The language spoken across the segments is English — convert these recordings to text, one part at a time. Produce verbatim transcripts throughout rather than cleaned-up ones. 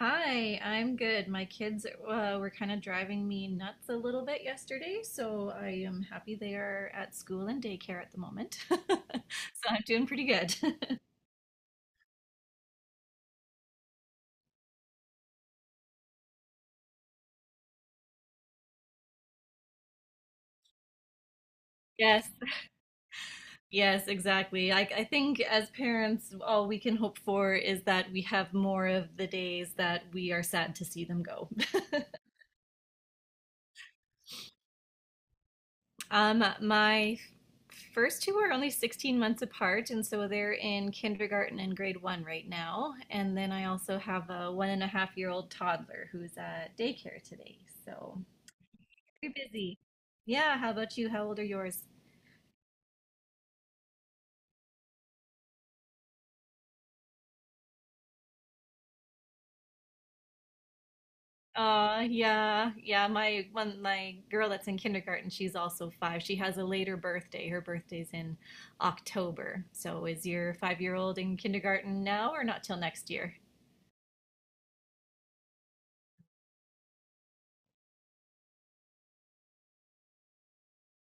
Hi, I'm good. My kids uh, were kind of driving me nuts a little bit yesterday, so I am happy they are at school and daycare at the moment. So I'm doing pretty good. Yes, yes, exactly. I, I think as parents, all we can hope for is that we have more of the days that we are sad to see them go. Um, my first two are only sixteen months apart, and so they're in kindergarten and grade one right now. And then I also have a one and a half year old toddler who's at daycare today. So very busy. Yeah, how about you? How old are yours? Uh, yeah, yeah. My one, my girl that's in kindergarten, she's also five. She has a later birthday. Her birthday's in October. So is your five year old in kindergarten now or not till next year?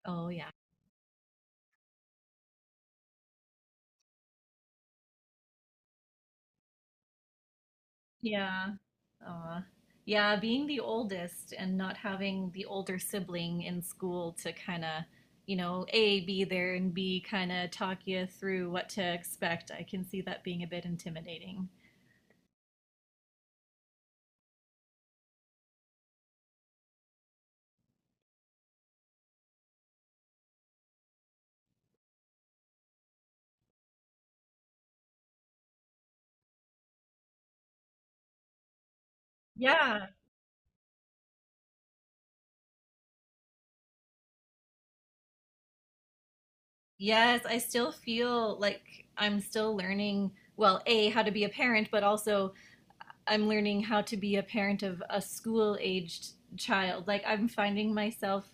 Oh, yeah. Yeah. Aw. Yeah, being the oldest and not having the older sibling in school to kind of, you know, A, be there and B, kind of talk you through what to expect, I can see that being a bit intimidating. Yeah. Yes, I still feel like I'm still learning, well, A, how to be a parent, but also I'm learning how to be a parent of a school-aged child. Like I'm finding myself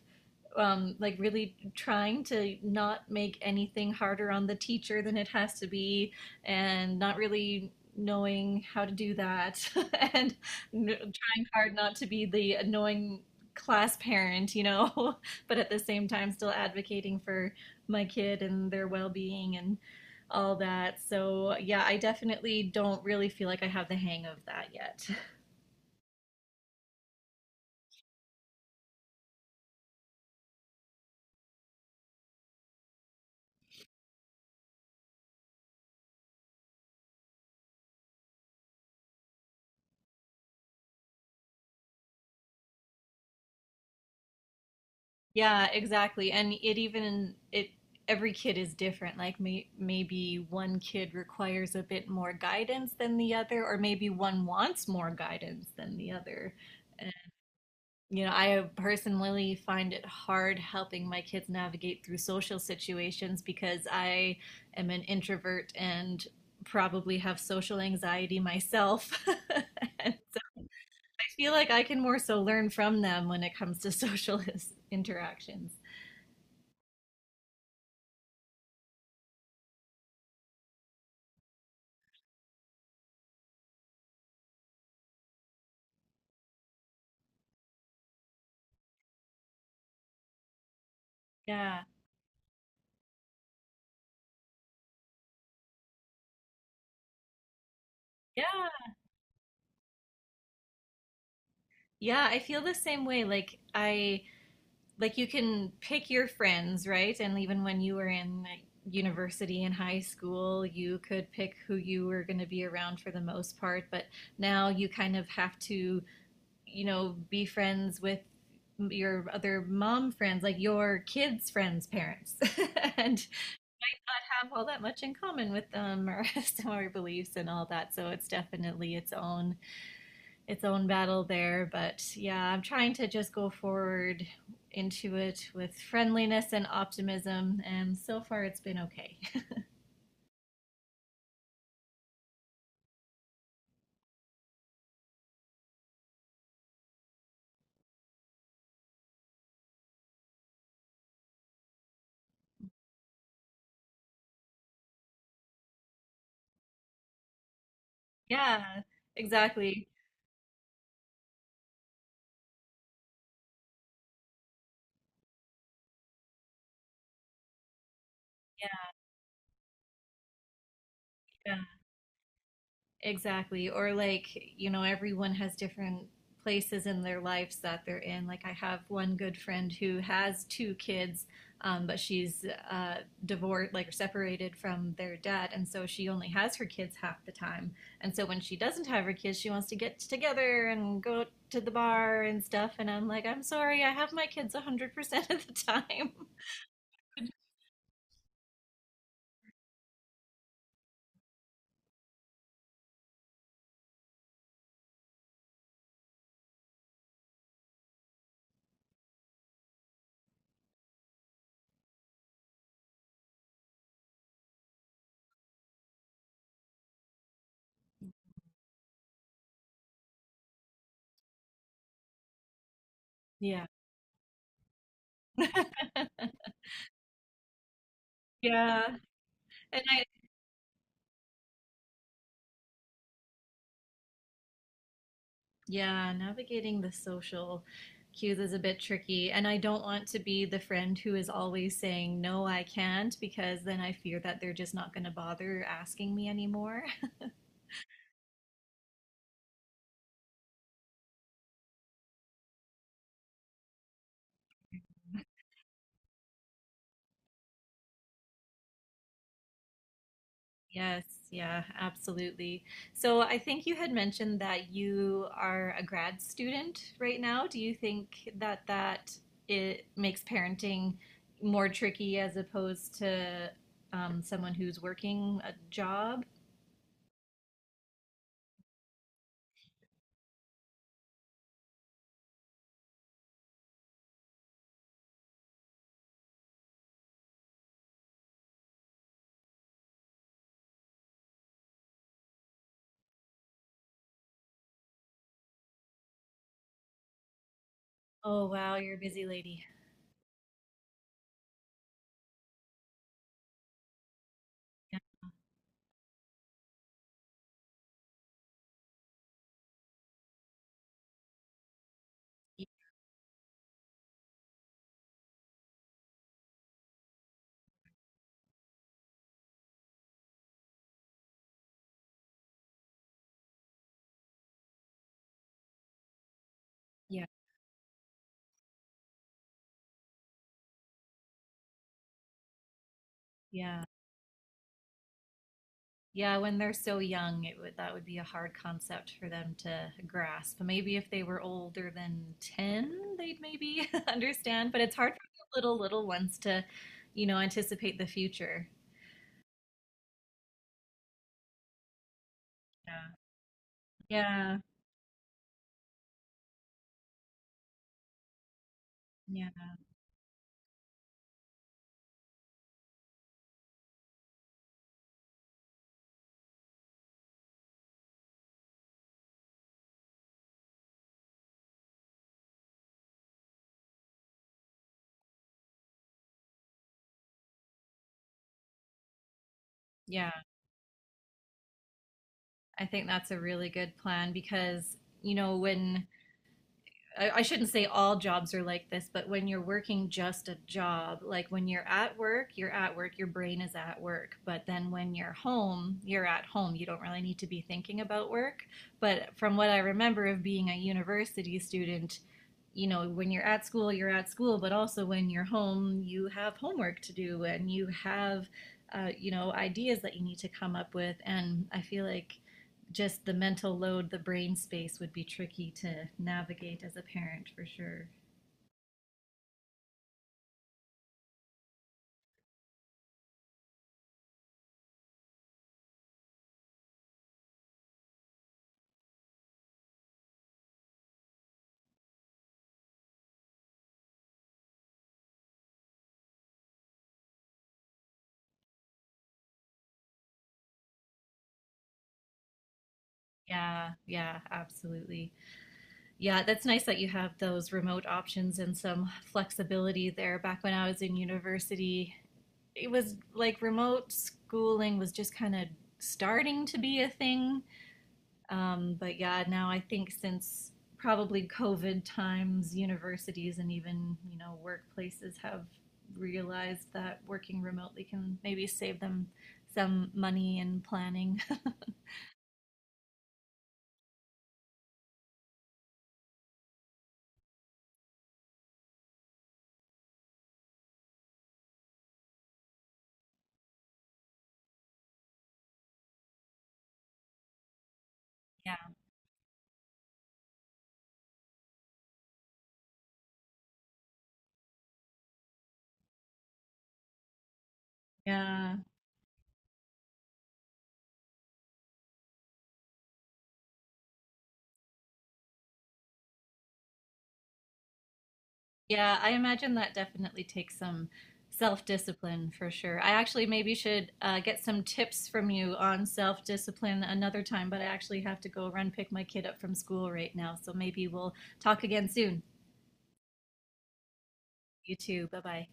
um, like really trying to not make anything harder on the teacher than it has to be, and not really knowing how to do that, and n- trying hard not to be the annoying class parent, you know, but at the same time still advocating for my kid and their well-being and all that. So, yeah, I definitely don't really feel like I have the hang of that yet. Yeah, exactly. And it even it every kid is different. Like may, maybe one kid requires a bit more guidance than the other, or maybe one wants more guidance than the other. And, you know, I personally find it hard helping my kids navigate through social situations because I am an introvert and probably have social anxiety myself. And so I feel like I can more so learn from them when it comes to social interactions. Yeah. Yeah. Yeah, I feel the same way. Like I like you can pick your friends, right? And even when you were in like, university and high school, you could pick who you were going to be around for the most part, but now you kind of have to, you know, be friends with your other mom friends, like your kids' friends' parents, and not have all that much in common with them or similar beliefs and all that. So it's definitely its own its own battle there. But yeah, I'm trying to just go forward into it with friendliness and optimism. And so far, it's been okay. Yeah, exactly. Yeah. Yeah. Exactly. Or like, you know, everyone has different places in their lives that they're in. Like I have one good friend who has two kids, um, but she's uh, divorced, like separated from their dad, and so she only has her kids half the time. And so when she doesn't have her kids, she wants to get together and go to the bar and stuff. And I'm like, I'm sorry, I have my kids one hundred percent of the time. Yeah. Yeah. And I, Yeah, navigating the social cues is a bit tricky. And I don't want to be the friend who is always saying, no, I can't, because then I fear that they're just not going to bother asking me anymore. Yes, yeah, absolutely. So I think you had mentioned that you are a grad student right now. Do you think that that it makes parenting more tricky as opposed to um, someone who's working a job? Oh, wow, you're a busy lady. Yeah. Yeah. Yeah, when they're so young, it would that would be a hard concept for them to grasp. Maybe if they were older than ten, they'd maybe understand, but it's hard for the little little ones to, you know, anticipate the future. Yeah. Yeah. Yeah. Yeah. I think that's a really good plan because, you know, when I, I shouldn't say all jobs are like this, but when you're working just a job, like when you're at work, you're at work, your brain is at work. But then when you're home, you're at home. You don't really need to be thinking about work. But from what I remember of being a university student, you know, when you're at school, you're at school, but also when you're home, you have homework to do and you have, uh, you know, ideas that you need to come up with. And I feel like just the mental load, the brain space would be tricky to navigate as a parent for sure. Yeah, yeah, absolutely. Yeah, that's nice that you have those remote options and some flexibility there. Back when I was in university, it was like remote schooling was just kind of starting to be a thing. Um, but yeah, now I think since probably COVID times, universities and even you know workplaces have realized that working remotely can maybe save them some money and planning. Yeah. Yeah. Yeah, I imagine that definitely takes some self-discipline for sure. I actually maybe should uh, get some tips from you on self-discipline another time, but I actually have to go run pick my kid up from school right now. So maybe we'll talk again soon. You too. Bye-bye.